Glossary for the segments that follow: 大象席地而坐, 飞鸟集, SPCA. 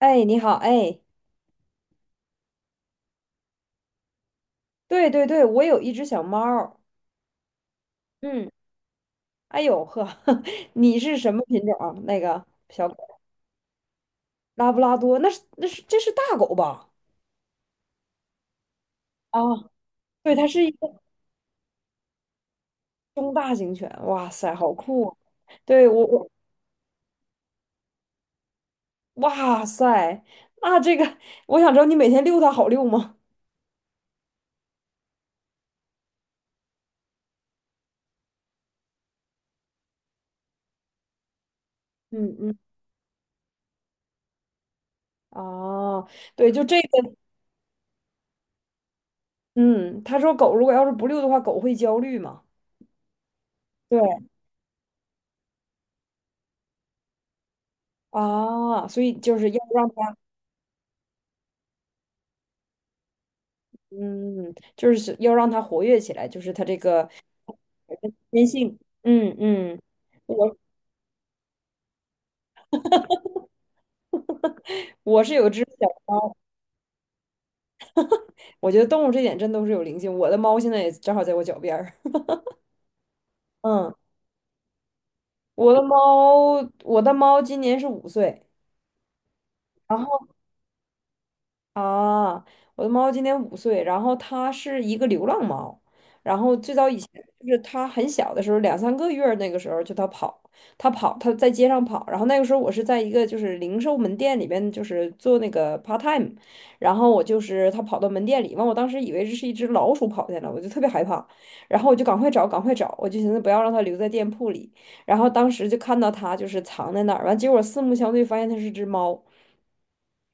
哎，你好，哎，对对对，我有一只小猫儿。嗯，哎呦呵，你是什么品种啊那个小狗？拉布拉多，那是那是这是大狗吧？啊，对，它是一个中大型犬，哇塞，好酷啊。对,我，哇塞，那这个我想知道你每天遛它好遛吗？嗯嗯，哦，对，就这个。嗯，他说狗如果要是不遛的话，狗会焦虑嘛。对啊，所以就是要让。嗯，就是要让它活跃起来，就是它这个天性。嗯嗯，我我是有只小猫。我觉得动物这点真都是有灵性。我的猫现在也正好在我脚边儿。嗯，我的猫，我的猫今年是五岁。然后。啊，我的猫今年五岁，然后它是一个流浪猫。然后最早以前就是它很小的时候，两三个月儿那个时候就它跑，它跑，它在街上跑，然后那个时候我是在一个就是零售门店里边就是做那个 part time。然后我就是它跑到门店里，完我当时以为这是一只老鼠跑进来，我就特别害怕。然后我就赶快找，赶快找，我就寻思不要让它留在店铺里。然后当时就看到它就是藏在那儿，完结果四目相对发现它是只猫。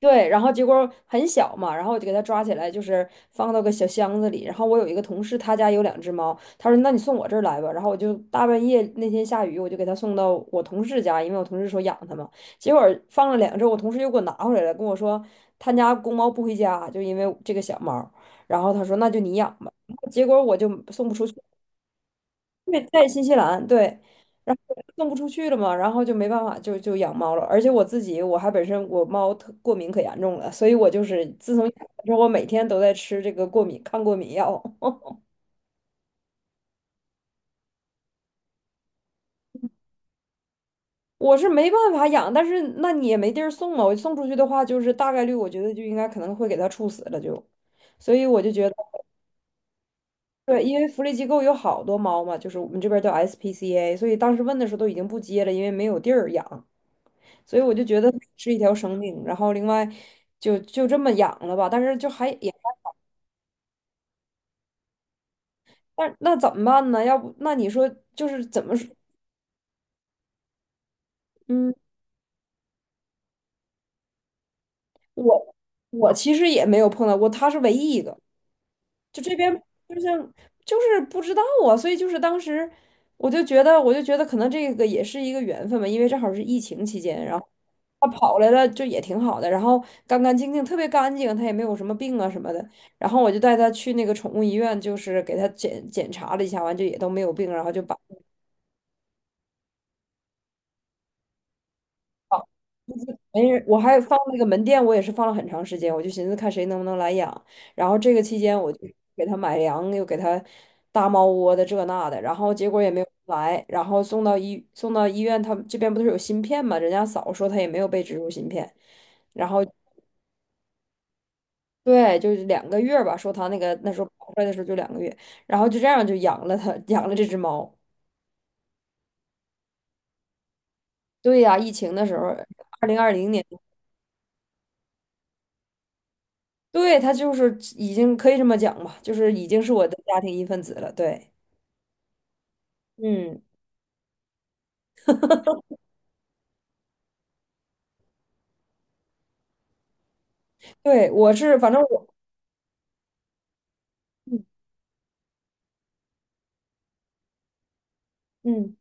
对，然后结果很小嘛，然后我就给它抓起来，就是放到个小箱子里。然后我有一个同事，他家有两只猫，他说："那你送我这儿来吧。"然后我就大半夜那天下雨，我就给他送到我同事家，因为我同事说养它嘛。结果放了2周，我同事又给我拿回来了，跟我说他家公猫不回家，就因为这个小猫。然后他说："那就你养吧。"结果我就送不出去。对，在新西兰，对。然后送不出去了嘛，然后就没办法，就养猫了。而且我自己，我还本身我猫特过敏可严重了，所以我就是自从养了之后，我每天都在吃这个过敏抗过敏药。我是没办法养，但是那你也没地儿送啊。我送出去的话，就是大概率我觉得就应该可能会给它处死了就。所以我就觉得，对，因为福利机构有好多猫嘛，就是我们这边叫 SPCA，所以当时问的时候都已经不接了，因为没有地儿养。所以我就觉得是一条生命，然后另外就这么养了吧，但是就还也。但那怎么办呢？要不那你说就是怎么说？嗯，我我其实也没有碰到过，他是唯一一个。就这边，就像，就是不知道。啊，所以就是当时我就觉得，我就觉得可能这个也是一个缘分吧。因为正好是疫情期间，然后他跑来了就也挺好的。然后干干净净，特别干净，他也没有什么病啊什么的。然后我就带他去那个宠物医院，就是给他检查了一下，完就也都没有病，然后就把。好，没人，我还放那个门店，我也是放了很长时间，我就寻思看谁能不能来养。然后这个期间，我就给他买粮，又给他搭猫窝的这那的，然后结果也没有来。然后送到医院，他们这边不是有芯片嘛？人家嫂说他也没有被植入芯片。然后对，就是两个月吧，说他那个那时候跑出来的时候就两个月。然后就这样就养了他，养了这只猫。对呀、疫情的时候，2020年。对，他就是已经可以这么讲吧，就是已经是我的家庭一份子了。对，嗯，对，我是，反正我，嗯嗯。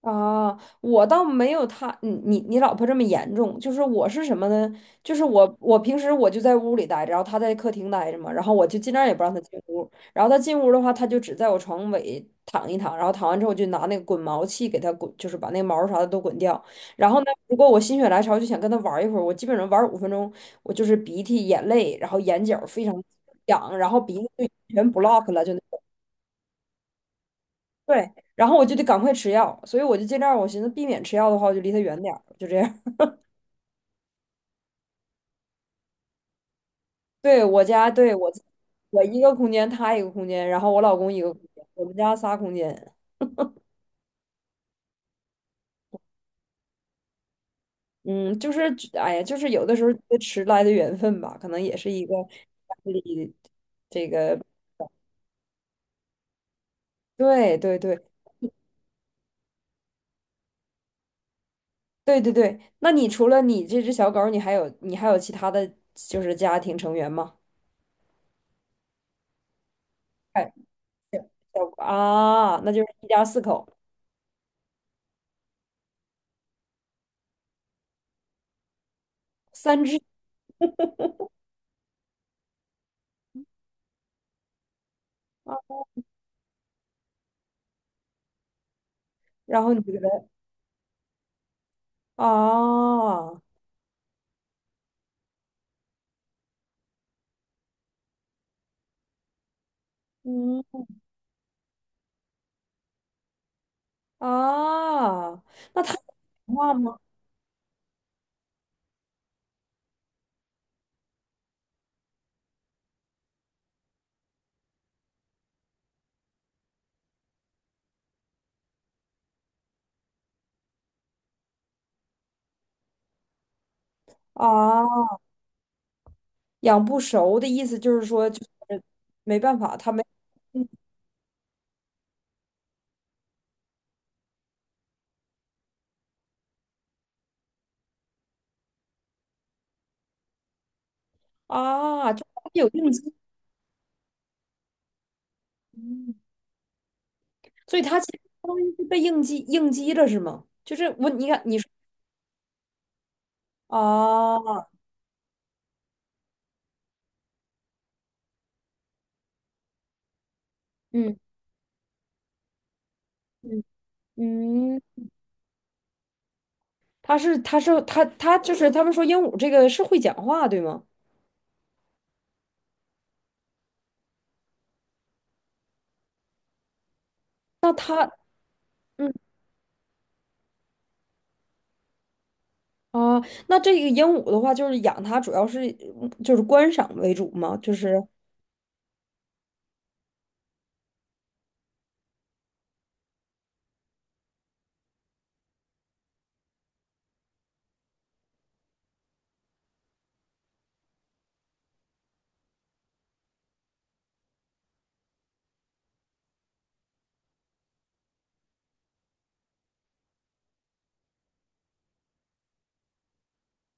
啊，我倒没有他，你老婆这么严重。就是我是什么呢？就是我平时我就在屋里待着，然后她在客厅待着嘛，然后我就尽量也不让她进屋。然后她进屋的话，她就只在我床尾躺一躺，然后躺完之后我就拿那个滚毛器给她滚，就是把那个毛啥的都滚掉。然后呢，如果我心血来潮就想跟她玩一会儿，我基本上玩5分钟，我就是鼻涕、眼泪，然后眼角非常痒，然后鼻子就全 block 了，就。对，然后我就得赶快吃药，所以我就尽量，我寻思避免吃药的话，我就离他远点儿，就这样。对，我家，对，我自我一个空间，他一个空间，然后我老公一个空间，我们家仨空间。嗯，就是，哎呀，就是有的时候觉得迟来的缘分吧，可能也是一个家里这个，对对对对对对。那你除了你这只小狗儿你还有其他的就是家庭成员吗？哎，小啊，那就是一家四口，三只啊，然后你给它。哦，嗯，哦，那他讲话吗？哦，养不熟的意思就是说，就是没办法，他没。啊，就他有应激。嗯，所以它其实相当于是被应激了，是吗？就是我，你看你说。啊，嗯嗯嗯，他就是他们说鹦鹉这个是会讲话，对吗？那他，嗯。啊，那这个鹦鹉的话，就是养它主要是，嗯就是观赏为主吗？就是。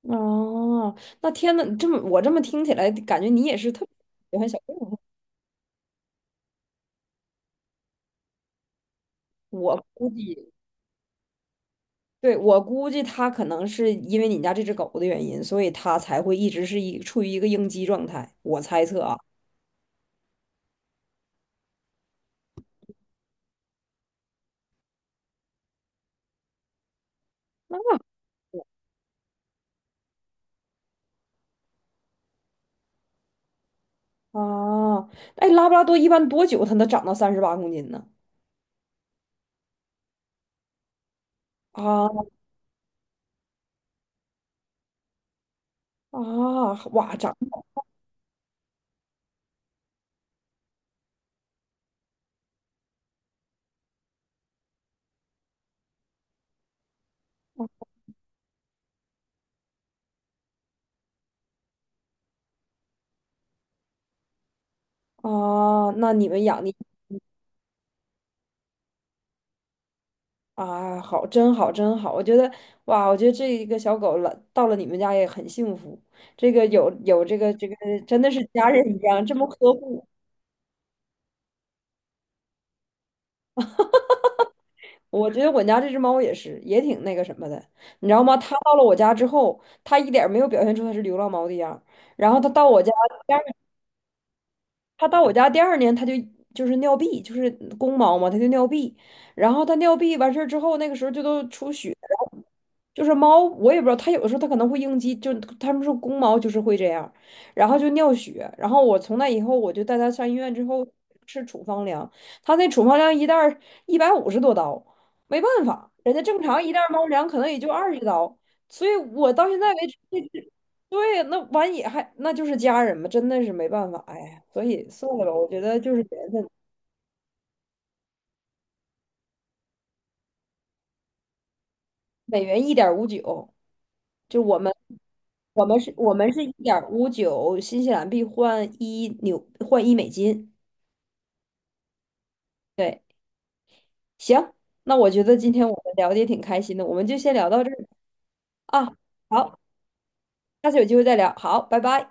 哦，那天呐，这么我这么听起来，感觉你也是特别喜欢小动物。我估计，对，我估计它可能是因为你家这只狗的原因，所以它才会一直是一处于一个应激状态。我猜测啊，那，啊，哦。哎，拉布拉多一般多久它能长到38公斤呢？啊，啊，哇，长，啊，那你们养的？啊，好，真好，真好！我觉得，哇，我觉得这一个小狗了，到了你们家也很幸福。这个有这个，真的是家人一样，这么呵护。我觉得我家这只猫也是，也挺那个什么的，你知道吗？它到了我家之后，它一点儿没有表现出它是流浪猫的样儿。然后它到我家第二，它到我家第二年，它就就是尿闭，就是公猫嘛，它就尿闭。然后它尿闭完事儿之后，那个时候就都出血。就是猫，我也不知道，它有的时候它可能会应激，就它们说公猫就是会这样，然后就尿血，然后我从那以后我就带它上医院之后吃处方粮，它那处方粮一袋150多刀，没办法，人家正常一袋猫粮可能也就20刀，所以我到现在为止，对，那完也还那就是家人嘛，真的是没办法，哎呀，所以算了吧，我觉得就是缘分，每元一点五九，就我们，我们是一点五九新西兰币换一纽换一美金。对，行，那我觉得今天我们聊的也挺开心的，我们就先聊到这儿啊。好，下次有机会再聊。好，拜拜。